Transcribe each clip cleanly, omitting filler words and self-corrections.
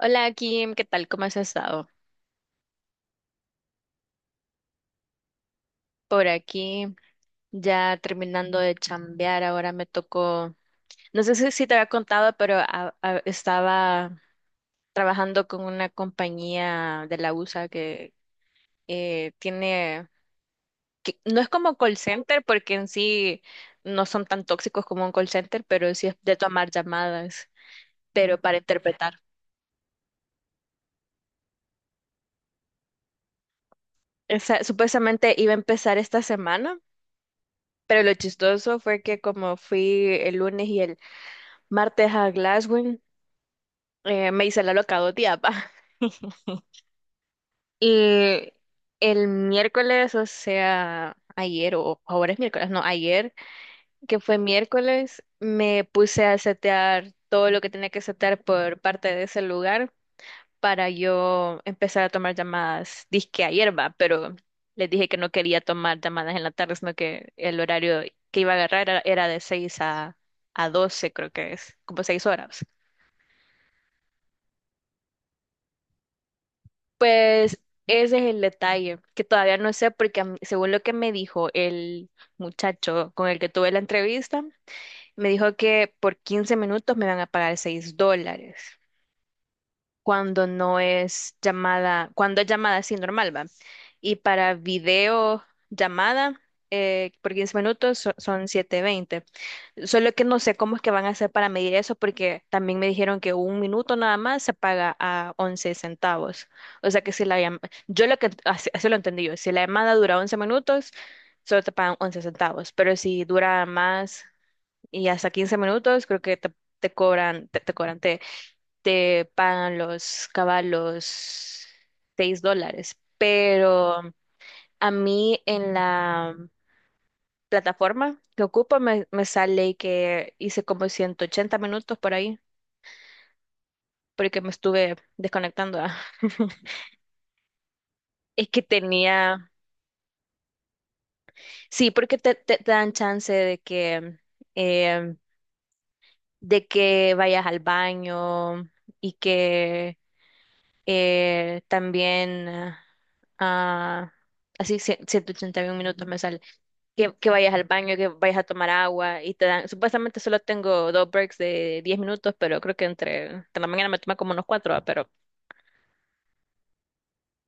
Hola Kim, ¿qué tal? ¿Cómo has estado? Por aquí, ya terminando de chambear, ahora me tocó, no sé si te había contado, pero estaba trabajando con una compañía de la USA que tiene, que no es como call center porque en sí no son tan tóxicos como un call center, pero sí es de tomar llamadas, pero para interpretar. Supuestamente iba a empezar esta semana. Pero lo chistoso fue que como fui el lunes y el martes a Glasgow, me hice la loca 2 días, va. Y el miércoles, o sea, ayer, o ahora es miércoles, no, ayer, que fue miércoles, me puse a setear todo lo que tenía que setear por parte de ese lugar para yo empezar a tomar llamadas, disque ayer, va, pero les dije que no quería tomar llamadas en la tarde, sino que el horario que iba a agarrar era de 6 a 12, creo que es, como 6 horas. Pues ese es el detalle, que todavía no sé, porque según lo que me dijo el muchacho con el que tuve la entrevista, me dijo que por 15 minutos me van a pagar $6 cuando no es llamada, cuando es llamada así normal, ¿va? Y para video llamada por 15 minutos son 720. Solo que no sé cómo es que van a hacer para medir eso, porque también me dijeron que 1 minuto nada más se paga a 11 centavos. O sea que si la llamada, yo lo que, así lo entendí yo, si la llamada dura 11 minutos, solo te pagan 11 centavos, pero si dura más y hasta 15 minutos, creo que te, cobran, te cobran, te pagan los caballos $6, pero a mí en la plataforma que ocupo me sale que hice como 180 minutos por ahí, porque me estuve desconectando. Ah. Es que tenía, sí, porque te dan chance eh, de que vayas al baño y que también, ah, así, 181 minutos me sale, que, vayas al baño, que vayas a tomar agua y te dan, supuestamente solo tengo 2 breaks de 10 minutos, pero creo que entre la mañana me toma como unos cuatro, pero,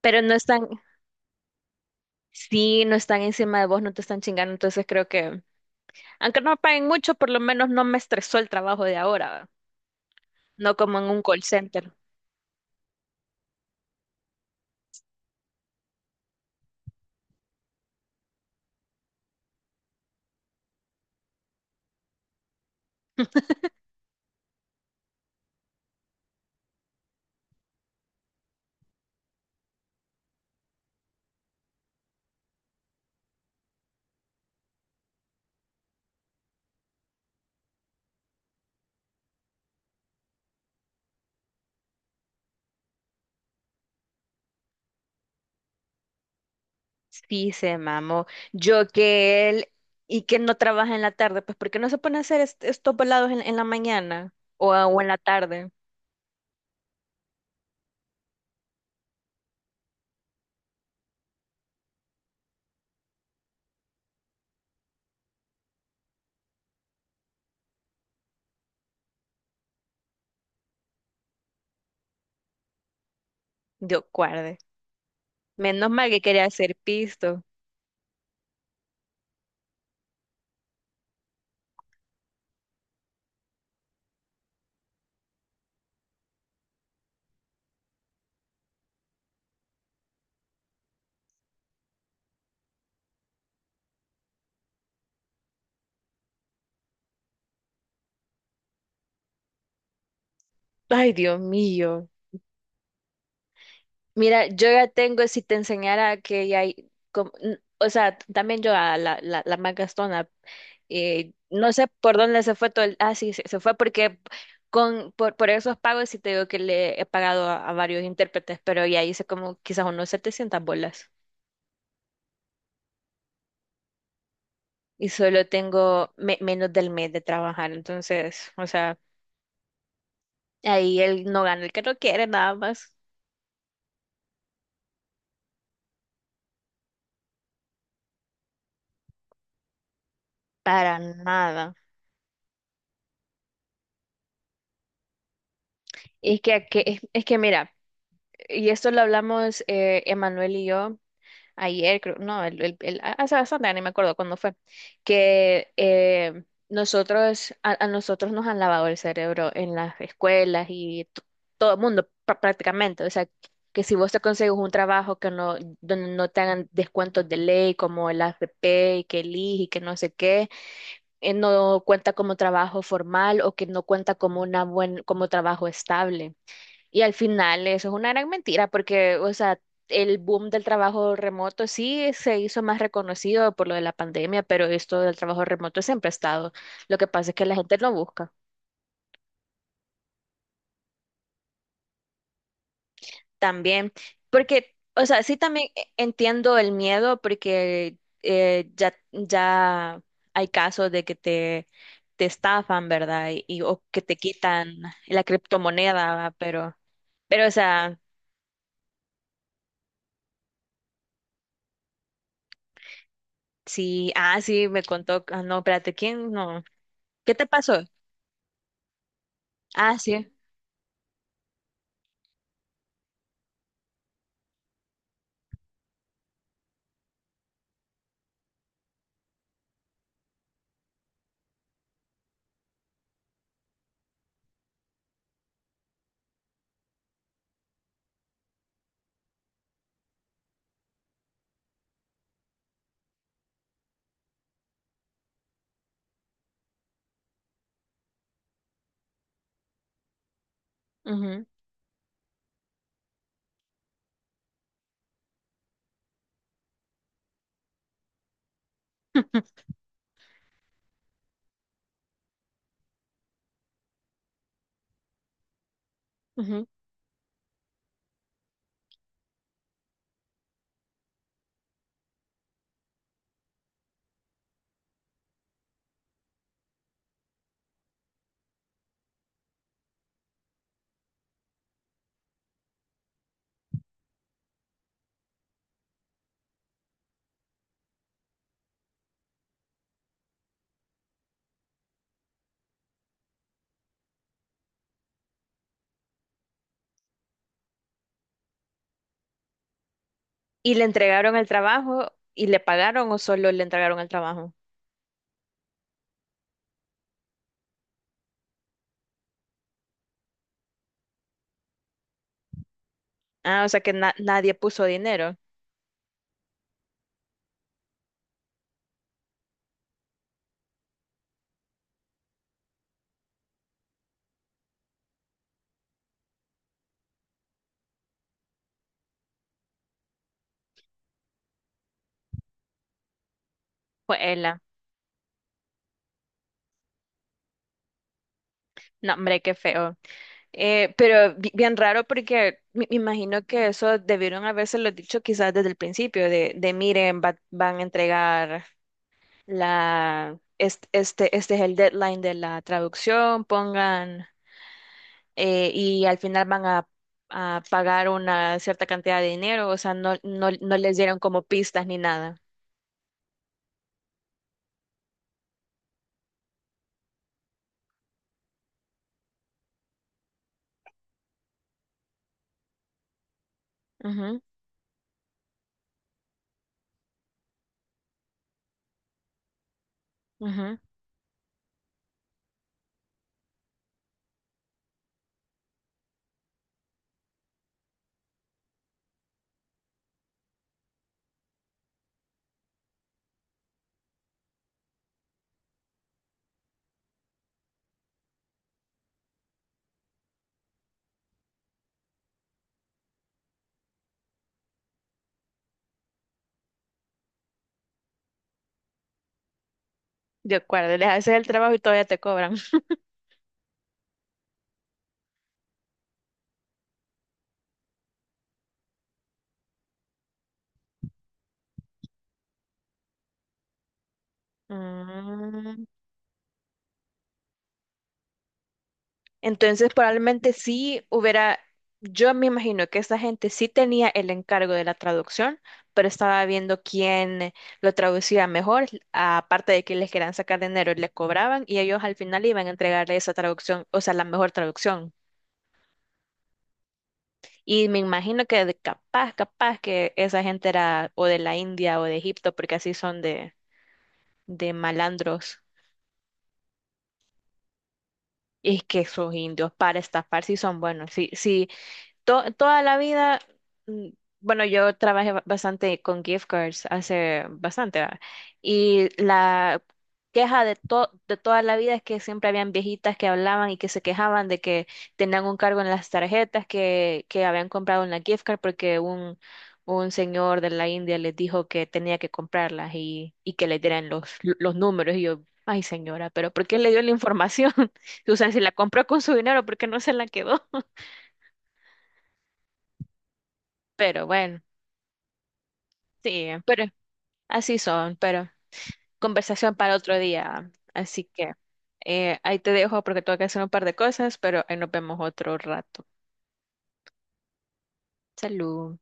pero no están, sí, no están encima de vos, no te están chingando, entonces creo que, aunque no me paguen mucho, por lo menos no me estresó el trabajo de ahora, ¿va? No como en un call center. Sí, se mamó. Yo que él y que no trabaja en la tarde, pues ¿por qué no se pone a hacer estos volados en la mañana o en la tarde? Dios guarde. Menos mal que quería hacer pisto. Ay, Dios mío. Mira, yo ya tengo, si te enseñara que ya hay, o sea, también yo a la más gastona, no sé por dónde se fue todo el, sí, se fue porque por esos pagos sí te digo que le he pagado a varios intérpretes, pero ya hice como quizás unos 700 bolas y solo tengo menos del mes de trabajar, entonces, o sea, ahí él no gana el que no quiere nada más, para nada. Es que mira. Y esto lo hablamos Emanuel y yo ayer, creo, no, hace bastante, ya ni me acuerdo cuándo fue, que nosotros, a nosotros nos han lavado el cerebro en las escuelas y todo el mundo prácticamente. O sea, que si vos te consigues un trabajo que no, donde no te hagan descuentos de ley como el AFP y que el IJ y que no sé qué, no cuenta como trabajo formal o que no cuenta como una buen, como trabajo estable. Y al final eso es una gran mentira porque, o sea, el boom del trabajo remoto sí se hizo más reconocido por lo de la pandemia, pero esto del trabajo remoto siempre ha estado. Lo que pasa es que la gente lo busca también, porque, o sea, sí también entiendo el miedo porque ya hay casos de que te, estafan, ¿verdad? O que te quitan la criptomoneda, ¿va? Pero, o sea... Sí, sí, me contó, no, espérate, ¿quién? No. ¿Qué te pasó? Ah, sí. Ujú, ujú. ¿Y le entregaron el trabajo y le pagaron o solo le entregaron el trabajo? Ah, o sea que nadie puso dinero. Fue ella. No, hombre, qué feo. Pero bien raro porque me imagino que eso debieron habérselo dicho quizás desde el principio, de miren, van a entregar este es el deadline de la traducción, pongan y al final van a pagar una cierta cantidad de dinero, o sea, no, no, no les dieron como pistas ni nada. Ujú, ujú. De acuerdo, les haces el trabajo y todavía te cobran. Mm, Entonces, probablemente sí hubiera, yo me imagino que esta gente sí tenía el encargo de la traducción, pero estaba viendo quién lo traducía mejor, aparte de que les querían sacar dinero, le cobraban y ellos al final iban a entregarle esa traducción, o sea, la mejor traducción. Y me imagino que capaz, capaz que esa gente era o de la India o de Egipto, porque así son de, malandros. Y es que esos indios para estafar sí son buenos. Sí, sí, toda la vida, mm, bueno, yo trabajé bastante con gift cards hace bastante, ¿va? Y la queja de toda la vida es que siempre habían viejitas que hablaban y que se quejaban de que tenían un cargo en las tarjetas que habían comprado en la gift card porque un señor de la India les dijo que tenía que comprarlas y que le dieran los números. Y yo, ay señora, pero ¿por qué le dio la información? O sea, si la compró con su dinero, ¿por qué no se la quedó? Pero bueno. Sí, pero así son, pero conversación para otro día. Así que ahí te dejo porque tengo que hacer un par de cosas, pero ahí nos vemos otro rato. Salud.